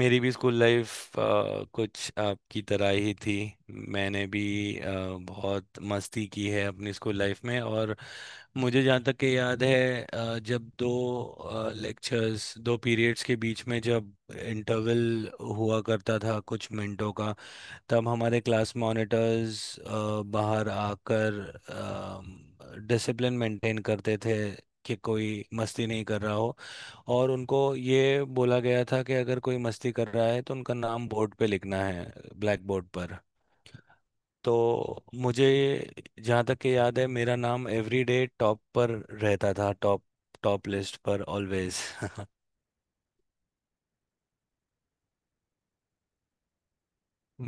मेरी भी school life कुछ आपकी तरह ही थी। मैंने भी अ, बहुत मस्ती की है अपनी स्कूल लाइफ में। और मुझे जहाँ तक कि याद है जब दो लेक्चर्स दो पीरियड्स के बीच में जब इंटरवल हुआ करता था कुछ मिनटों का, तब हमारे क्लास मॉनिटर्स बाहर आकर डिसिप्लिन मेंटेन करते थे कि कोई मस्ती नहीं कर रहा हो। और उनको ये बोला गया था कि अगर कोई मस्ती कर रहा है तो उनका नाम बोर्ड पे लिखना है, ब्लैक बोर्ड पर। तो मुझे जहाँ तक कि याद है, मेरा नाम एवरी डे टॉप पर रहता था, टॉप टॉप लिस्ट पर ऑलवेज।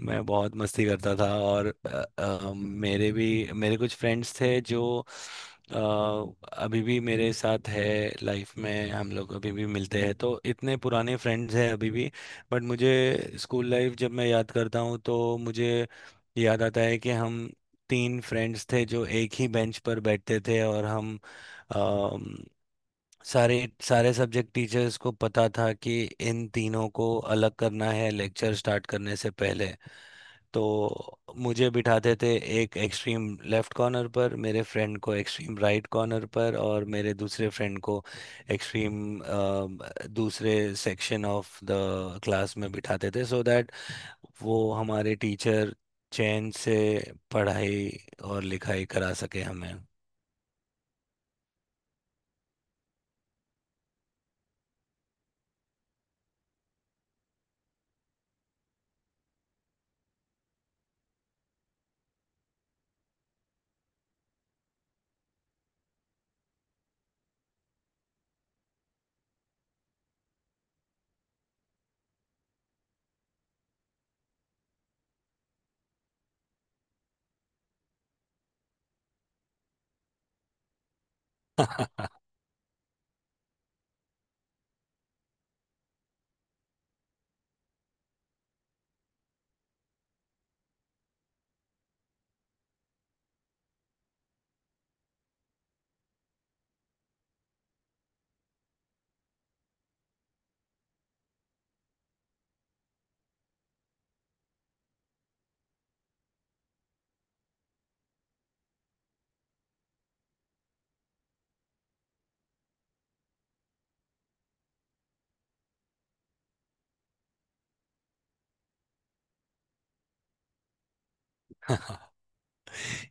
मैं बहुत मस्ती करता था। और मेरे कुछ फ्रेंड्स थे जो अ, अभी भी मेरे साथ है लाइफ में। हम लोग अभी भी मिलते हैं, तो इतने पुराने फ्रेंड्स हैं अभी भी। बट मुझे स्कूल लाइफ जब मैं याद करता हूँ तो मुझे याद आता है कि हम 3 फ्रेंड्स थे जो एक ही बेंच पर बैठते थे। और हम अम, सारे सारे सब्जेक्ट टीचर्स को पता था कि इन तीनों को अलग करना है लेक्चर स्टार्ट करने से पहले। तो मुझे बिठाते थे एक एक्सट्रीम लेफ्ट कॉर्नर पर, मेरे फ्रेंड को एक्सट्रीम राइट कॉर्नर पर, और मेरे दूसरे फ्रेंड को एक्सट्रीम दूसरे सेक्शन ऑफ द क्लास में बिठाते थे, सो दैट वो हमारे टीचर चैन से पढ़ाई और लिखाई करा सके हमें।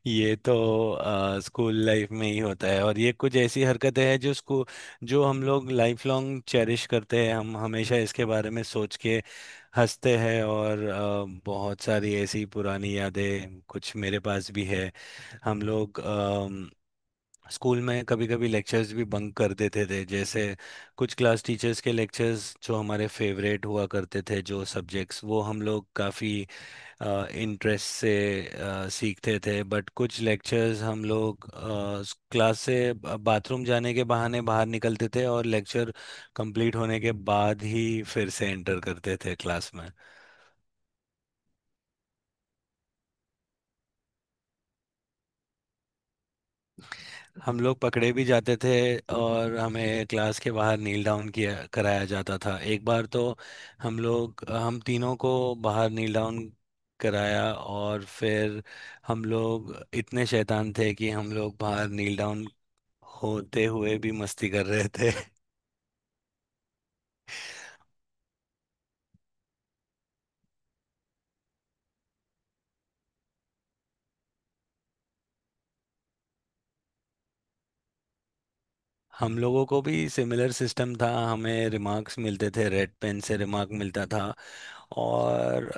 ये तो स्कूल लाइफ में ही होता है। और ये कुछ ऐसी हरकतें हैं जो स्कूल जो हम लोग लाइफ लॉन्ग चेरिश करते हैं। हम हमेशा इसके बारे में सोच के हंसते हैं। और बहुत सारी ऐसी पुरानी यादें कुछ मेरे पास भी है। हम लोग अम, स्कूल में कभी कभी लेक्चर्स भी बंक कर देते थे, जैसे कुछ क्लास टीचर्स के लेक्चर्स जो हमारे फेवरेट हुआ करते थे जो सब्जेक्ट्स वो हम लोग काफ़ी इंटरेस्ट से सीखते थे। बट कुछ लेक्चर्स हम लोग क्लास से बाथरूम जाने के बहाने बाहर निकलते थे और लेक्चर कंप्लीट होने के बाद ही फिर से एंटर करते थे क्लास में। हम लोग पकड़े भी जाते थे और हमें क्लास के बाहर नील डाउन किया कराया जाता था। एक बार तो हम तीनों को बाहर नील डाउन कराया, और फिर हम लोग इतने शैतान थे कि हम लोग बाहर नील डाउन होते हुए भी मस्ती कर रहे थे। हम लोगों को भी सिमिलर सिस्टम था, हमें रिमार्क्स मिलते थे, रेड पेन से रिमार्क मिलता था। और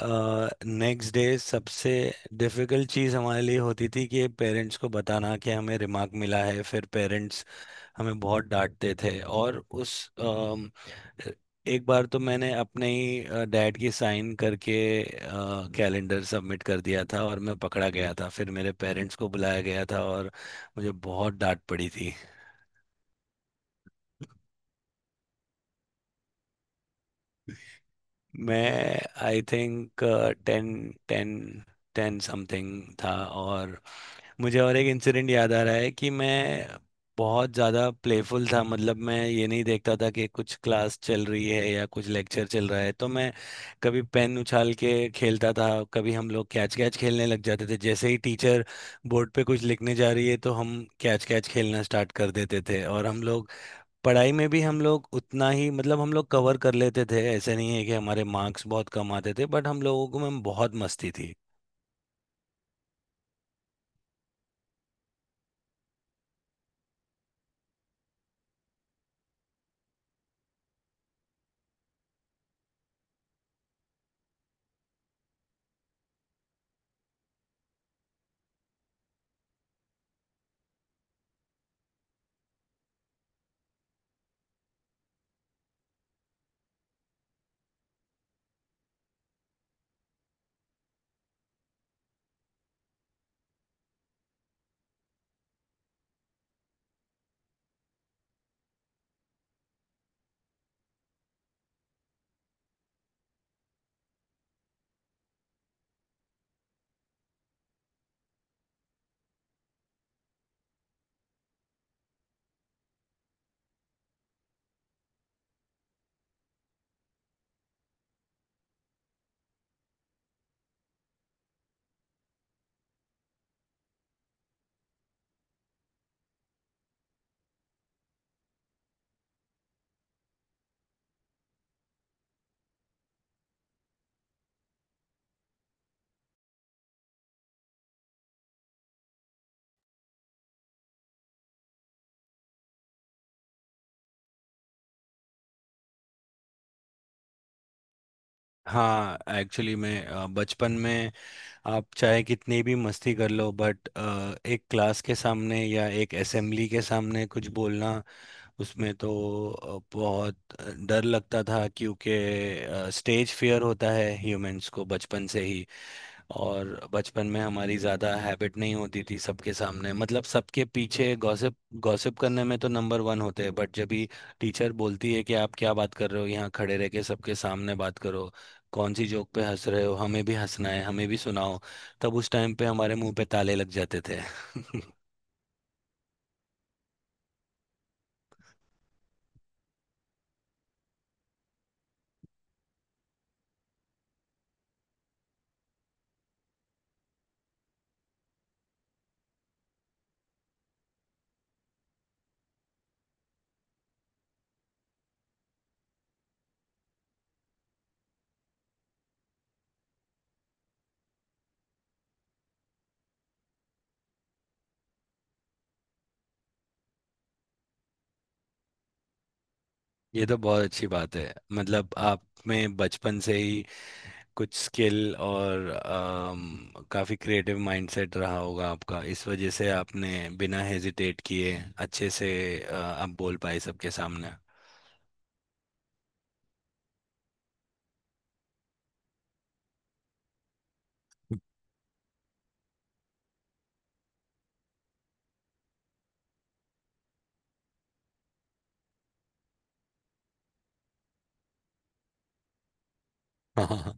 नेक्स्ट डे सबसे डिफिकल्ट चीज़ हमारे लिए होती थी कि पेरेंट्स को बताना कि हमें रिमार्क मिला है। फिर पेरेंट्स हमें बहुत डांटते थे। और उस एक बार तो मैंने अपने ही डैड की साइन करके कैलेंडर सबमिट कर दिया था और मैं पकड़ा गया था। फिर मेरे पेरेंट्स को बुलाया गया था और मुझे बहुत डांट पड़ी थी। मैं I think ten ten 10 something था। और मुझे और एक इंसिडेंट याद आ रहा है कि मैं बहुत ज़्यादा प्लेफुल था, मतलब मैं ये नहीं देखता था कि कुछ क्लास चल रही है या कुछ लेक्चर चल रहा है। तो मैं कभी पेन उछाल के खेलता था, कभी हम लोग कैच कैच खेलने लग जाते थे। जैसे ही टीचर बोर्ड पे कुछ लिखने जा रही है तो हम कैच कैच खेलना स्टार्ट कर देते थे। और हम लोग पढ़ाई में भी हम लोग उतना ही मतलब हम लोग कवर कर लेते थे, ऐसे नहीं है कि हमारे मार्क्स बहुत कम आते थे, बट हम लोगों को में बहुत मस्ती थी। हाँ, एक्चुअली मैं बचपन में आप चाहे कितनी भी मस्ती कर लो, बट एक क्लास के सामने या एक असेंबली के सामने कुछ बोलना उसमें तो बहुत डर लगता था, क्योंकि स्टेज फियर होता है ह्यूमंस को बचपन से ही। और बचपन में हमारी ज्यादा हैबिट नहीं होती थी सबके सामने, मतलब सबके पीछे गॉसिप गॉसिप करने में तो नंबर वन होते हैं, बट जब भी टीचर बोलती है कि आप क्या बात कर रहे हो, यहाँ खड़े रह के सबके सामने बात करो, कौन सी जोक पे हंस रहे हो, हमें भी हंसना है, हमें भी सुनाओ, तब उस टाइम पे हमारे मुंह पे ताले लग जाते थे। ये तो बहुत अच्छी बात है, मतलब आप में बचपन से ही कुछ स्किल और काफी क्रिएटिव माइंडसेट रहा होगा आपका। इस वजह से आपने बिना हेजिटेट किए अच्छे से आप बोल पाए सबके सामने। हाँ,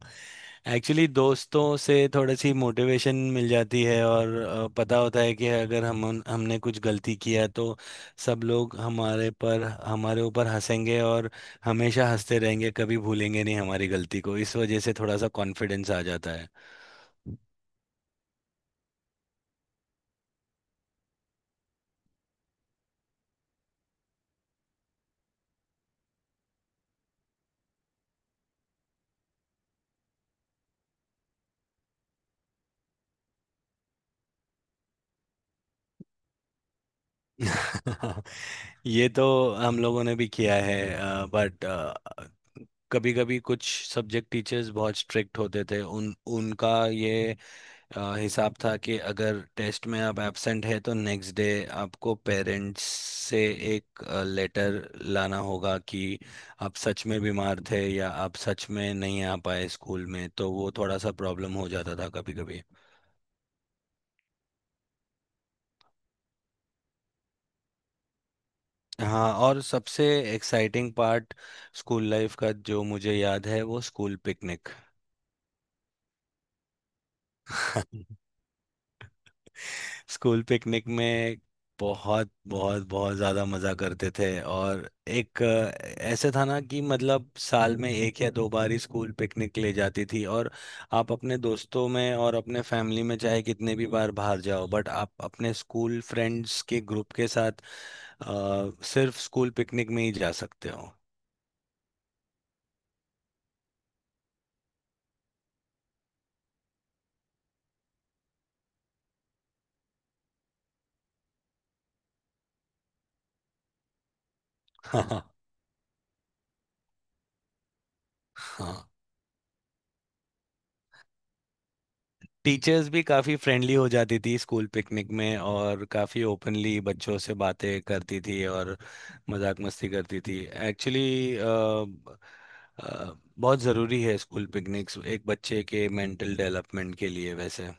एक्चुअली दोस्तों से थोड़ी सी मोटिवेशन मिल जाती है। और पता होता है कि अगर हम हमने कुछ गलती किया तो सब लोग हमारे ऊपर हंसेंगे और हमेशा हंसते रहेंगे, कभी भूलेंगे नहीं हमारी गलती को। इस वजह से थोड़ा सा कॉन्फिडेंस आ जाता है। ये तो हम लोगों ने भी किया है। बट कभी कभी कुछ सब्जेक्ट टीचर्स बहुत स्ट्रिक्ट होते थे। उन उनका ये हिसाब था कि अगर टेस्ट में आप एब्सेंट है तो नेक्स्ट डे आपको पेरेंट्स से एक लेटर लाना होगा कि आप सच में बीमार थे या आप सच में नहीं आ पाए स्कूल में। तो वो थोड़ा सा प्रॉब्लम हो जाता था कभी कभी। हाँ, और सबसे एक्साइटिंग पार्ट स्कूल लाइफ का जो मुझे याद है वो स्कूल पिकनिक। स्कूल पिकनिक में बहुत बहुत बहुत ज्यादा मजा करते थे। और एक ऐसे था ना कि मतलब साल में एक या दो बार ही स्कूल पिकनिक ले जाती थी। और आप अपने दोस्तों में और अपने फैमिली में चाहे कितने भी बार बाहर जाओ, बट आप अपने स्कूल फ्रेंड्स के ग्रुप के साथ अ, सिर्फ स्कूल पिकनिक में ही जा सकते हो। हाँ, टीचर्स भी काफ़ी फ्रेंडली हो जाती थी स्कूल पिकनिक में, और काफ़ी ओपनली बच्चों से बातें करती थी और मजाक मस्ती करती थी। एक्चुअली बहुत ज़रूरी है स्कूल पिकनिक्स एक बच्चे के मेंटल डेवलपमेंट के लिए वैसे।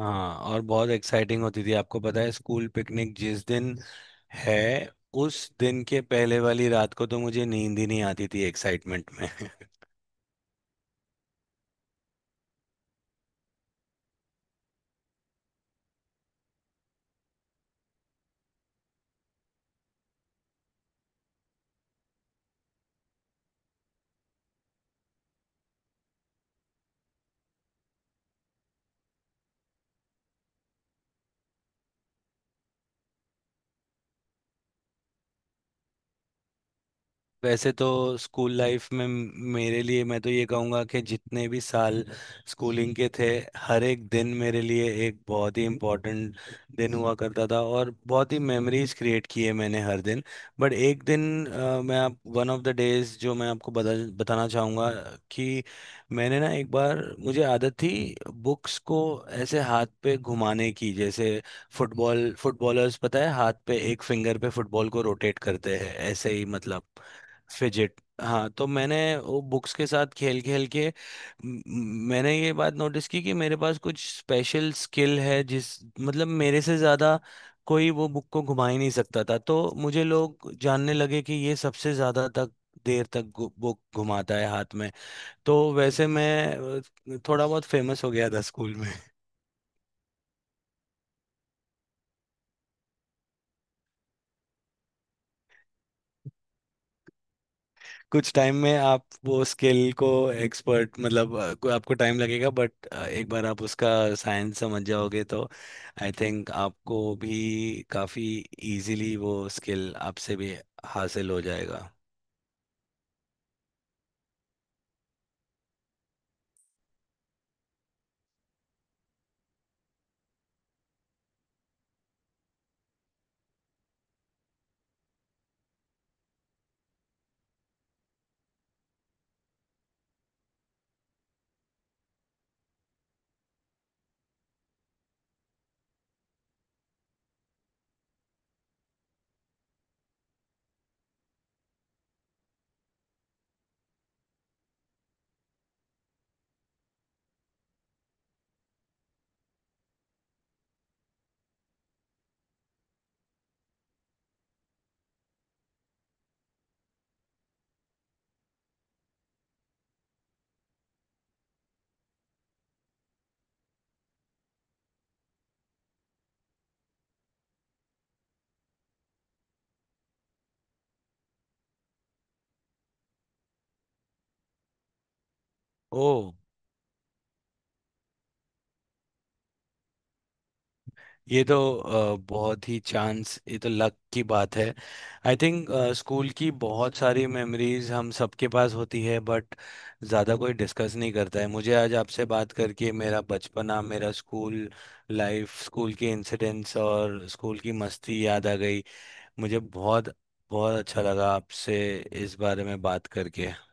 हाँ, और बहुत एक्साइटिंग होती थी, आपको पता है, स्कूल पिकनिक जिस दिन है उस दिन के पहले वाली रात को तो मुझे नींद ही नहीं आती थी एक्साइटमेंट में। वैसे तो स्कूल लाइफ में मेरे लिए मैं तो ये कहूँगा कि जितने भी साल स्कूलिंग के थे, हर एक दिन मेरे लिए एक बहुत ही इम्पोर्टेंट दिन हुआ करता था, और बहुत ही मेमोरीज क्रिएट किए मैंने हर दिन। बट एक दिन अ, मैं आप वन ऑफ द डेज जो मैं आपको बताना चाहूँगा कि मैंने ना एक बार, मुझे आदत थी बुक्स को ऐसे हाथ पे घुमाने की, जैसे फुटबॉलर्स पता है हाथ पे एक फिंगर पे फुटबॉल को रोटेट करते हैं, ऐसे ही मतलब फिजिट। हाँ, तो मैंने वो बुक्स के साथ खेल खेल के मैंने ये बात नोटिस की कि मेरे पास कुछ स्पेशल स्किल है जिस मतलब मेरे से ज़्यादा कोई वो बुक को घुमा ही नहीं सकता था। तो मुझे लोग जानने लगे कि ये सबसे ज़्यादा तक देर तक बुक घुमाता है हाथ में। तो वैसे मैं थोड़ा बहुत फेमस हो गया था स्कूल। कुछ टाइम में आप वो स्किल को एक्सपर्ट मतलब आपको टाइम लगेगा, बट एक बार आप उसका साइंस समझ जाओगे तो आई थिंक आपको भी काफ़ी इजीली वो स्किल आपसे भी हासिल हो जाएगा। ओ, ये तो बहुत ही चांस, ये तो लक की बात है। आई थिंक स्कूल की बहुत सारी मेमोरीज हम सबके पास होती है, बट ज़्यादा कोई डिस्कस नहीं करता है। मुझे आज आपसे बात करके मेरा बचपना, मेरा स्कूल लाइफ, स्कूल के इंसिडेंट्स और स्कूल की मस्ती याद आ गई। मुझे बहुत बहुत अच्छा लगा आपसे इस बारे में बात करके।